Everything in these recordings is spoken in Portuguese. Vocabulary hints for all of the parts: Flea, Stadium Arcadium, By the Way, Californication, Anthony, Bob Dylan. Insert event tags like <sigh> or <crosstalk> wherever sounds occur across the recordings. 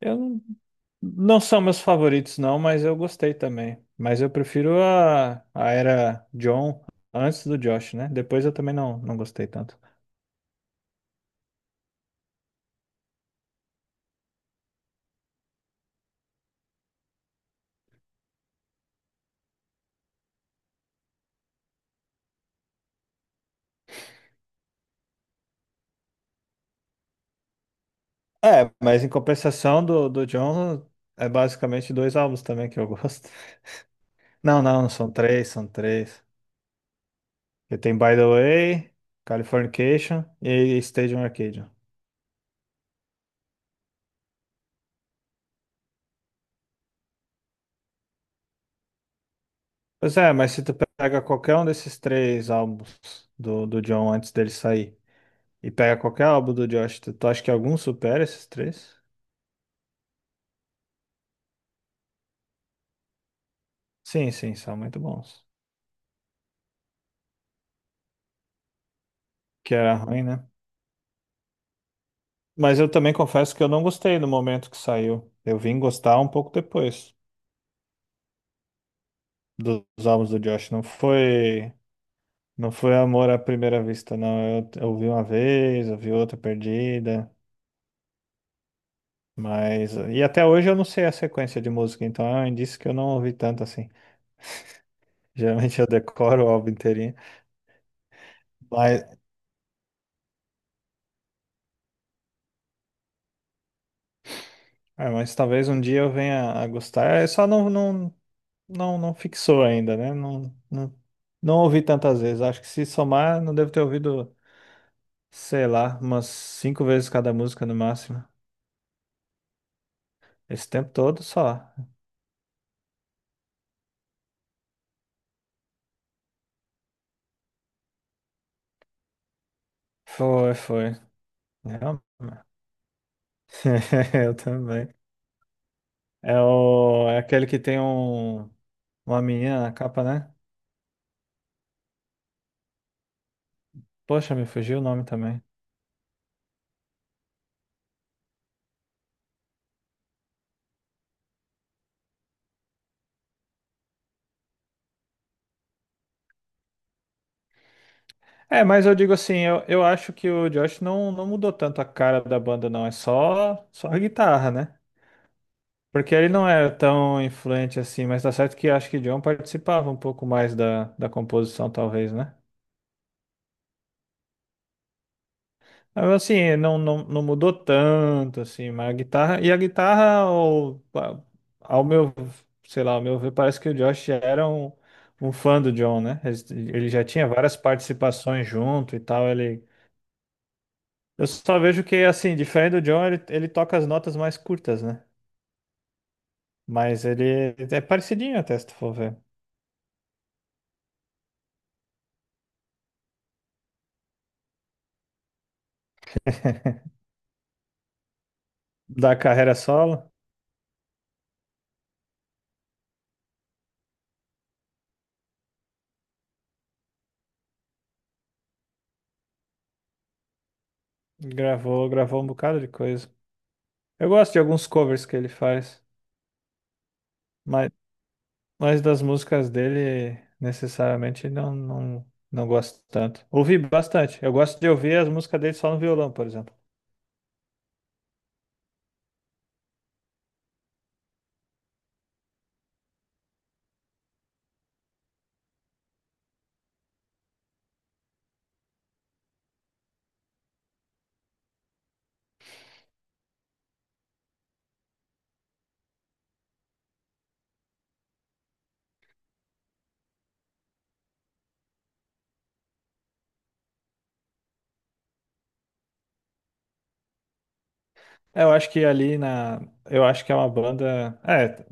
Eu não, não são meus favoritos, não, mas eu gostei também. Mas eu prefiro a era John antes do Josh, né? Depois eu também não, não gostei tanto. É, mas em compensação do John, é basicamente dois álbuns também que eu gosto. <laughs> Não, não, são três, são três. Porque tem By the Way, Californication e Stadium Arcadium. Pois é, mas se tu pega qualquer um desses três álbuns do John antes dele sair. E pega qualquer álbum do Josh. Tu acha que algum supera esses três? Sim, sim, são muito bons. Que era ruim, né? Mas eu também confesso que eu não gostei no momento que saiu. Eu vim gostar um pouco depois dos álbuns do Josh. Não foi, não foi amor à primeira vista, não. Eu vi uma vez, eu vi outra perdida. Mas. E até hoje eu não sei a sequência de música, então é um indício que eu não ouvi tanto assim. <laughs> Geralmente eu decoro o álbum inteirinho. Mas, é, mas talvez um dia eu venha a gostar. Eu só não, não, não, não fixou ainda, né? Não, não, não ouvi tantas vezes. Acho que se somar, não devo ter ouvido, sei lá, umas 5 vezes cada música no máximo. Esse tempo todo só. Foi, foi. Realmente. <laughs> Eu também. É, o, é aquele que tem um, uma menina na capa, né? Poxa, me fugiu o nome também. É, mas eu digo assim, eu acho que o Josh não, não mudou tanto a cara da banda, não. É só, só a guitarra, né? Porque ele não era tão influente assim, mas tá certo que acho que John participava um pouco mais da composição, talvez, né? Mas, assim, não, não, não mudou tanto, assim, mas a guitarra. E a guitarra, ao, ao meu, sei lá, ao meu ver, parece que o Josh era um, um fã do John, né? Ele já tinha várias participações junto e tal, ele. Eu só vejo que, assim, diferente do John, ele toca as notas mais curtas, né? Mas ele é parecidinho até, se tu for ver. <laughs> Da carreira solo. Gravou, gravou um bocado de coisa. Eu gosto de alguns covers que ele faz, mas, mas das músicas dele, necessariamente, não, não, não gosto tanto. Ouvi bastante. Eu gosto de ouvir as músicas dele só no violão, por exemplo. É, eu acho que ali na. Eu acho que é uma banda. É,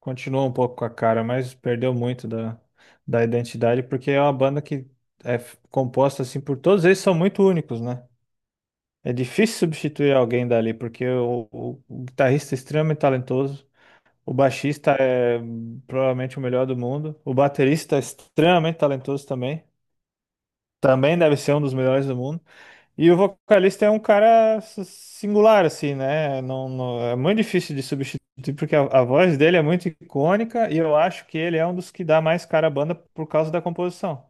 continua um pouco com a cara, mas perdeu muito da, da identidade, porque é uma banda que é composta assim por todos eles são muito únicos, né? É difícil substituir alguém dali, porque o, o guitarrista é extremamente talentoso. O baixista é provavelmente o melhor do mundo. O baterista é extremamente talentoso também. Também deve ser um dos melhores do mundo. E o vocalista é um cara singular, assim, né? Não, é muito difícil de substituir, porque a voz dele é muito icônica e eu acho que ele é um dos que dá mais cara à banda por causa da composição.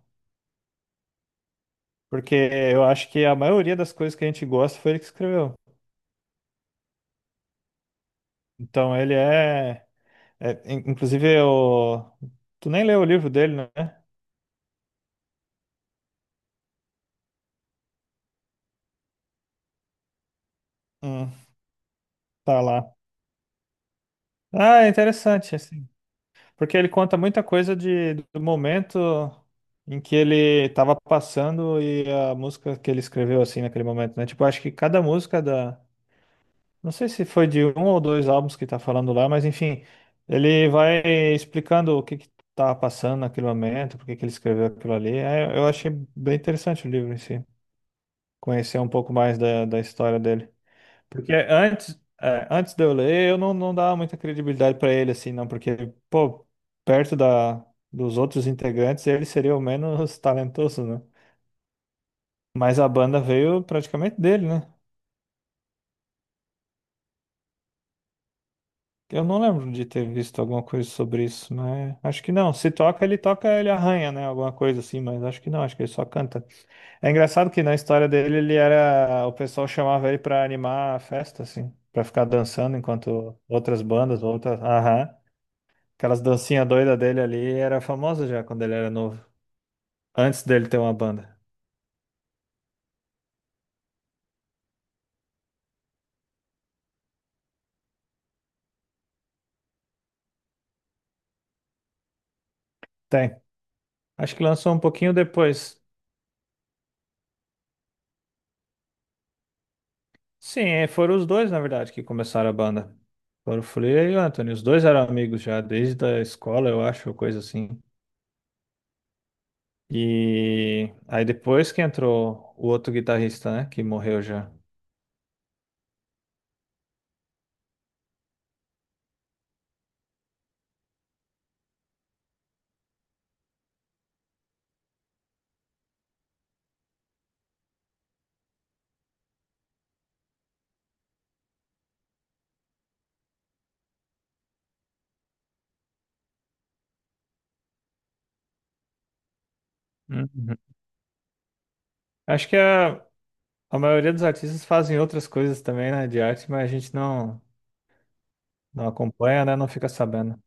Porque eu acho que a maioria das coisas que a gente gosta foi ele que escreveu. Então ele é. É inclusive, o. Tu nem leu o livro dele, né? Hum, tá lá. Ah, é interessante, assim, porque ele conta muita coisa de, do momento em que ele estava passando e a música que ele escreveu, assim, naquele momento, né? Tipo, acho que cada música da. Não sei se foi de um ou dois álbuns que tá falando lá, mas enfim, ele vai explicando o que que tava passando naquele momento, por que que ele escreveu aquilo ali. É, eu achei bem interessante o livro em si, conhecer um pouco mais da história dele. Porque antes, é, antes de eu ler, eu não, não dava muita credibilidade pra ele, assim, não, porque, pô, perto da, dos outros integrantes, ele seria o menos <laughs> talentoso, né? Mas a banda veio praticamente dele, né? Eu não lembro de ter visto alguma coisa sobre isso, mas acho que não. Se toca, ele toca, ele arranha, né? Alguma coisa assim, mas acho que não, acho que ele só canta. É engraçado que na história dele, ele era. O pessoal chamava ele pra animar a festa, assim, pra ficar dançando enquanto outras bandas, outras. Aham. Aquelas dancinhas doidas dele ali era famosa já quando ele era novo. Antes dele ter uma banda. Tem. Acho que lançou um pouquinho depois. Sim, é, foram os dois, na verdade, que começaram a banda. Foram o Flea e o Anthony. Os dois eram amigos já, desde a escola, eu acho, coisa assim. E aí depois que entrou o outro guitarrista, né? Que morreu já. Uhum. Acho que a maioria dos artistas fazem outras coisas também, né? De arte, mas a gente não, não acompanha, né? Não fica sabendo.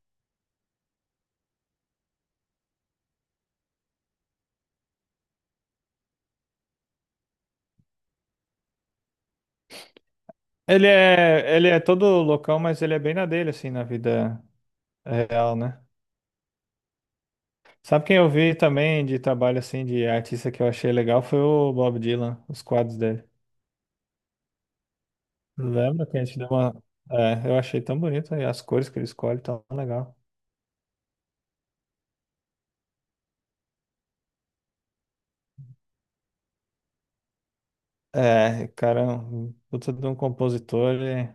Ele é todo loucão, mas ele é bem na dele, assim, na vida real, né? Sabe quem eu vi também de trabalho, assim, de artista que eu achei legal foi o Bob Dylan, os quadros dele. Lembra que a gente deu uma. É, eu achei tão bonito, e as cores que ele escolhe tão legal. É, cara, é um puta de um compositor, ele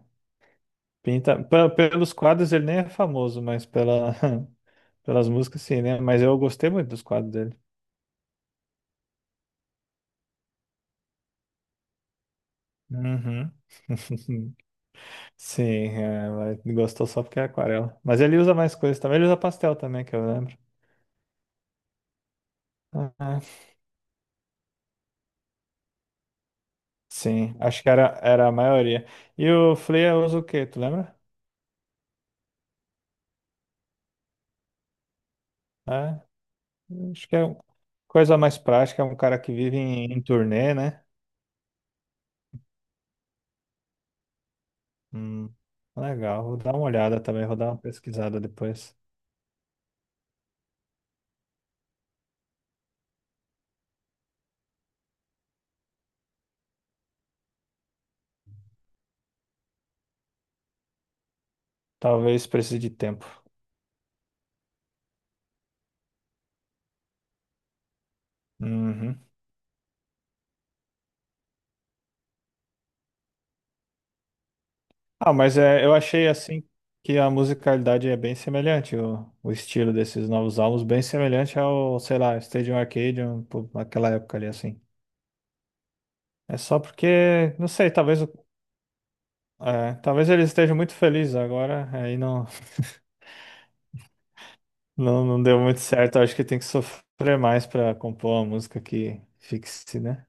pinta. Pelos quadros ele nem é famoso, mas pela. <laughs> Pelas músicas sim, né? Mas eu gostei muito dos quadros dele. Uhum. <laughs> Sim, é, ela gostou só porque é aquarela. Mas ele usa mais coisas também. Ele usa pastel também, que eu lembro. Ah, sim, acho que era, era a maioria. E o Flea usa o quê, tu lembra? É, acho que é um, coisa mais prática, é um cara que vive em, em turnê, né? Hum, legal, vou dar uma olhada também, vou dar uma pesquisada depois. Talvez precise de tempo. Uhum. Ah, mas é, eu achei assim que a musicalidade é bem semelhante, o estilo desses novos álbuns, bem semelhante ao, sei lá, Stadium Arcadium, pô, naquela época ali, assim. É só porque, não sei, talvez, o- é, talvez eles estejam muito felizes agora, aí não, <laughs> não, não deu muito certo, acho que tem que sofrer mais pra compor uma música que fixe, né?